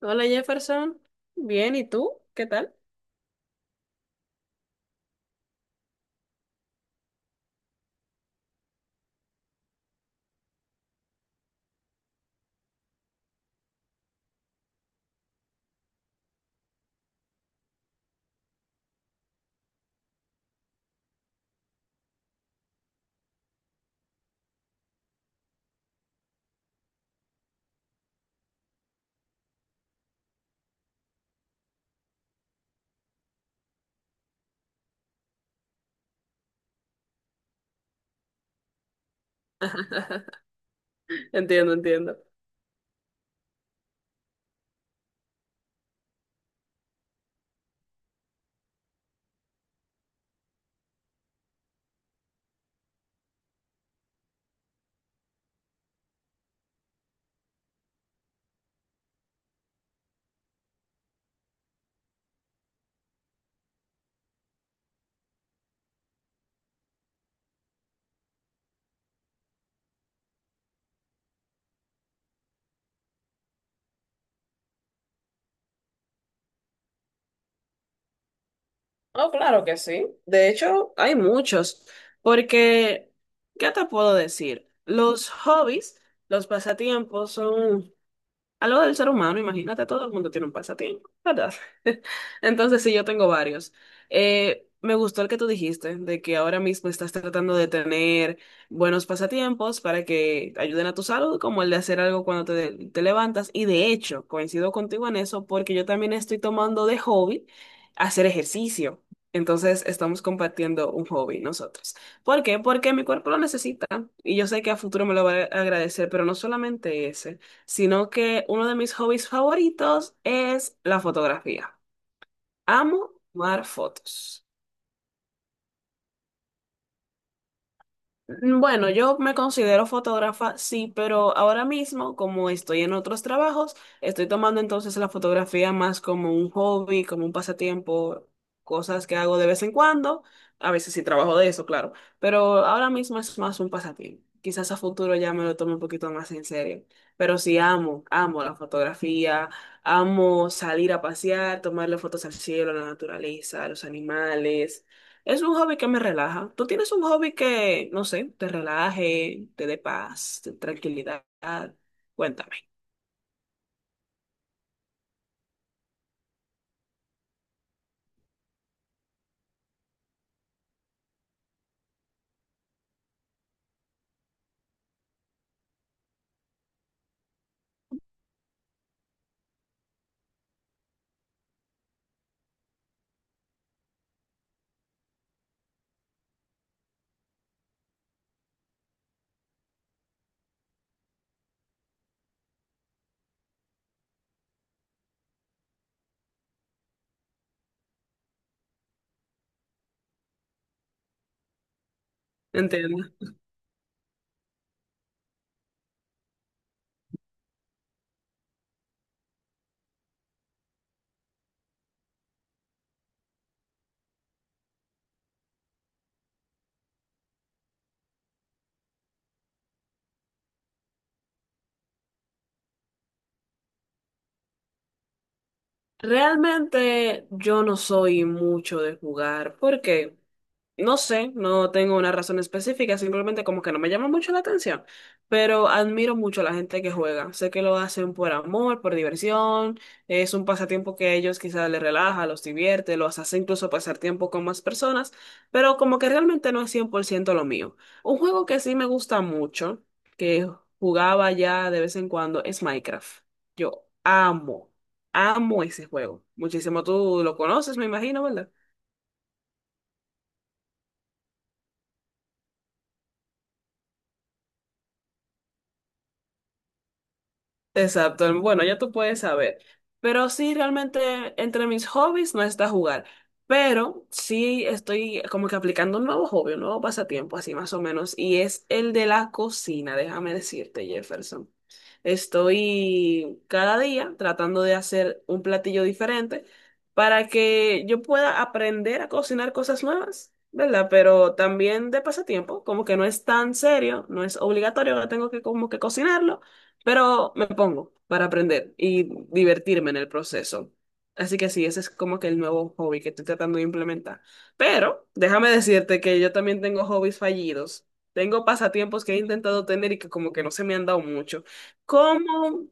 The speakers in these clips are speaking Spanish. Hola Jefferson, bien, ¿y tú? ¿Qué tal? Entiendo, entiendo. Oh, claro que sí. De hecho, hay muchos, porque, ¿qué te puedo decir? Los hobbies, los pasatiempos son algo del ser humano, imagínate, todo el mundo tiene un pasatiempo, ¿verdad? Entonces, sí, yo tengo varios. Me gustó el que tú dijiste, de que ahora mismo estás tratando de tener buenos pasatiempos para que ayuden a tu salud, como el de hacer algo cuando te levantas. Y de hecho, coincido contigo en eso, porque yo también estoy tomando de hobby hacer ejercicio. Entonces, estamos compartiendo un hobby nosotros. ¿Por qué? Porque mi cuerpo lo necesita y yo sé que a futuro me lo va a agradecer, pero no solamente ese, sino que uno de mis hobbies favoritos es la fotografía. Amo tomar fotos. Mm, bueno, yo me considero fotógrafa, sí, pero ahora mismo, como estoy en otros trabajos, estoy tomando entonces la fotografía más como un hobby, como un pasatiempo, cosas que hago de vez en cuando. A veces sí trabajo de eso, claro, pero ahora mismo es más un pasatiempo. Quizás a futuro ya me lo tome un poquito más en serio, pero sí amo, amo la fotografía, amo salir a pasear, tomarle fotos al cielo, a la naturaleza, a los animales. Es un hobby que me relaja. ¿Tú tienes un hobby que, no sé, te relaje, te dé paz, tranquilidad? Cuéntame. Entiendo. Realmente yo no soy mucho de jugar. ¿Por qué? No sé, no tengo una razón específica, simplemente como que no me llama mucho la atención, pero admiro mucho a la gente que juega. Sé que lo hacen por amor, por diversión, es un pasatiempo que a ellos quizás les relaja, los divierte, los hace incluso pasar tiempo con más personas, pero como que realmente no es 100% lo mío. Un juego que sí me gusta mucho, que jugaba ya de vez en cuando, es Minecraft. Yo amo, amo ese juego. Muchísimo, tú lo conoces, me imagino, ¿verdad? Exacto, bueno, ya tú puedes saber. Pero sí, realmente entre mis hobbies no está jugar. Pero sí estoy como que aplicando un nuevo hobby, un nuevo pasatiempo, así más o menos. Y es el de la cocina, déjame decirte, Jefferson. Estoy cada día tratando de hacer un platillo diferente para que yo pueda aprender a cocinar cosas nuevas, ¿verdad? Pero también de pasatiempo, como que no es tan serio, no es obligatorio, ahora tengo que como que cocinarlo, pero me pongo para aprender y divertirme en el proceso. Así que sí, ese es como que el nuevo hobby que estoy tratando de implementar. Pero déjame decirte que yo también tengo hobbies fallidos. Tengo pasatiempos que he intentado tener y que como que no se me han dado mucho. Como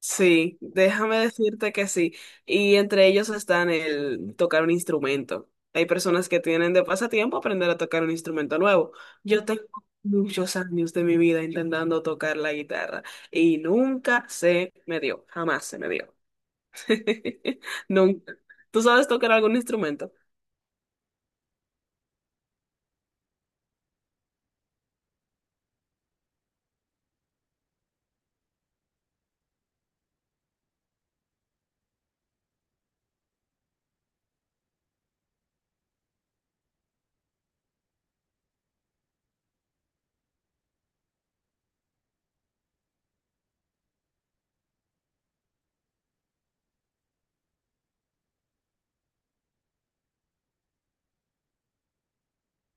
sí, déjame decirte que sí. Y entre ellos están el tocar un instrumento. Hay personas que tienen de pasatiempo aprender a tocar un instrumento nuevo. Yo tengo muchos años de mi vida intentando tocar la guitarra y nunca se me dio, jamás se me dio. Nunca. ¿Tú sabes tocar algún instrumento?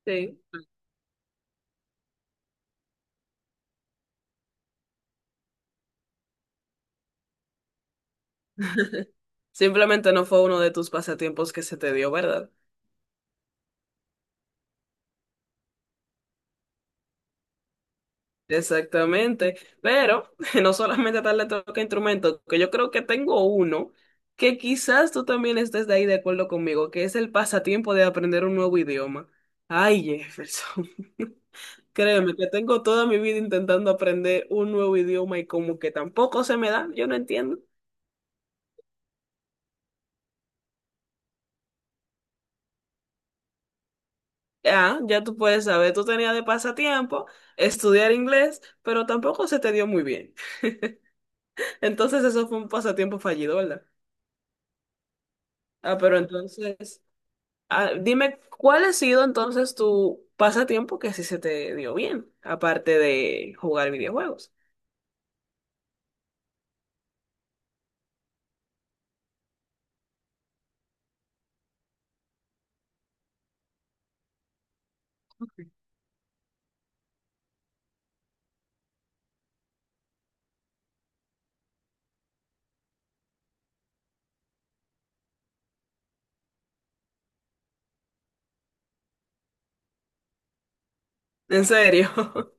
Sí. Simplemente no fue uno de tus pasatiempos que se te dio, ¿verdad? Exactamente, pero no solamente tal le toca instrumento, que yo creo que tengo uno que quizás tú también estés de ahí de acuerdo conmigo, que es el pasatiempo de aprender un nuevo idioma. Ay, Jefferson, créeme que tengo toda mi vida intentando aprender un nuevo idioma y como que tampoco se me da, yo no entiendo. Ah, ya tú puedes saber, tú tenías de pasatiempo estudiar inglés, pero tampoco se te dio muy bien. Entonces eso fue un pasatiempo fallido, ¿verdad? Ah, pero entonces... Ah, dime, ¿cuál ha sido entonces tu pasatiempo que sí se te dio bien, aparte de jugar videojuegos? ¿En serio?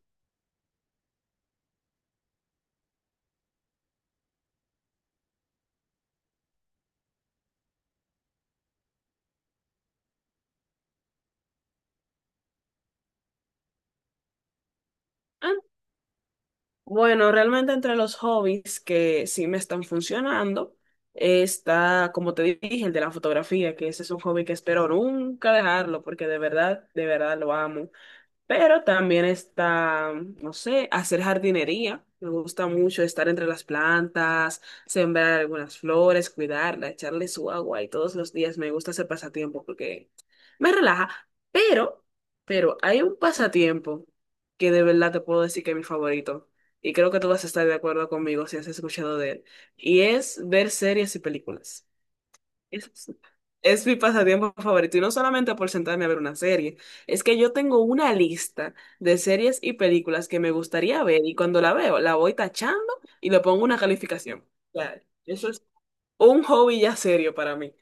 Ah, bueno, realmente entre los hobbies que sí me están funcionando está, como te dije, el de la fotografía, que ese es un hobby que espero nunca dejarlo porque de verdad lo amo. Pero también está, no sé, hacer jardinería. Me gusta mucho estar entre las plantas, sembrar algunas flores, cuidarla, echarle su agua y todos los días me gusta ese pasatiempo porque me relaja. Pero, pero hay un pasatiempo que de verdad te puedo decir que es mi favorito y creo que tú vas a estar de acuerdo conmigo si has escuchado de él y es ver series y películas. Es, es mi pasatiempo favorito y no solamente por sentarme a ver una serie, es que yo tengo una lista de series y películas que me gustaría ver y cuando la veo la voy tachando y le pongo una calificación. O sea, eso es un hobby ya serio para mí.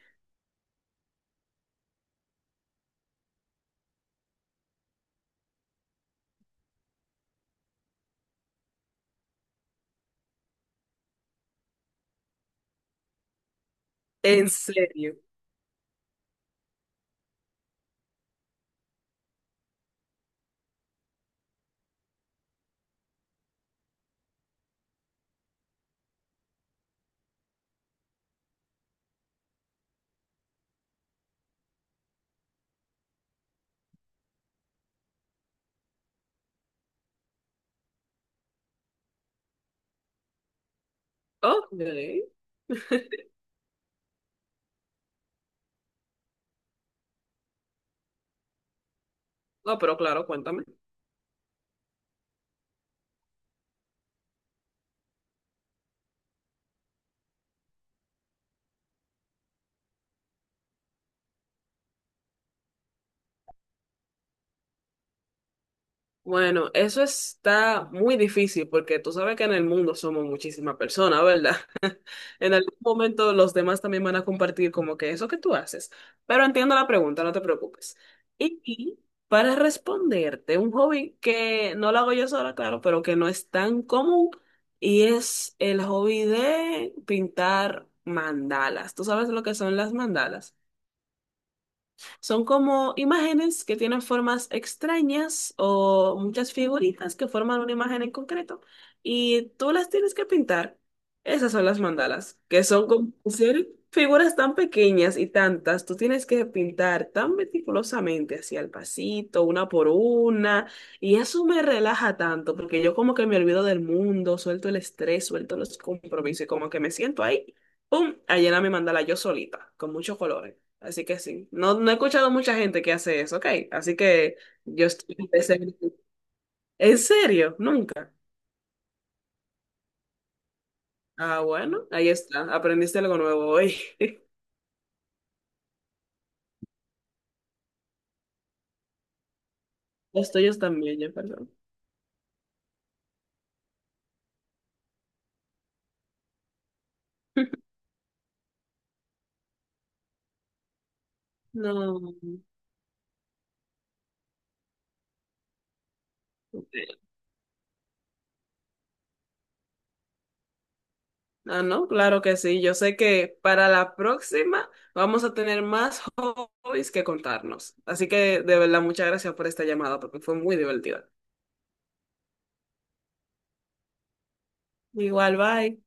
En serio. Ok. No, pero claro, cuéntame. Bueno, eso está muy difícil porque tú sabes que en el mundo somos muchísimas personas, ¿verdad? En algún momento los demás también van a compartir como que eso que tú haces. Pero entiendo la pregunta, no te preocupes. Y para responderte, un hobby que no lo hago yo sola, claro, pero que no es tan común, y es el hobby de pintar mandalas. ¿Tú sabes lo que son las mandalas? Son como imágenes que tienen formas extrañas o muchas figuritas que forman una imagen en concreto y tú las tienes que pintar. Esas son las mandalas, que son como ser figuras tan pequeñas y tantas. Tú tienes que pintar tan meticulosamente, así al pasito, una por una. Y eso me relaja tanto porque yo como que me olvido del mundo, suelto el estrés, suelto los compromisos y como que me siento ahí, ¡pum!, a llenar mi mandala yo solita, con muchos colores. Así que sí. No, no he escuchado mucha gente que hace eso, ok. Así que yo ¿En serio? Nunca. Ah, bueno, ahí está. Aprendiste algo nuevo hoy. Los tuyos también, ya, perdón. No. Ok. Ah, no, claro que sí. Yo sé que para la próxima vamos a tener más hobbies que contarnos. Así que de verdad, muchas gracias por esta llamada porque fue muy divertida. Igual, bye.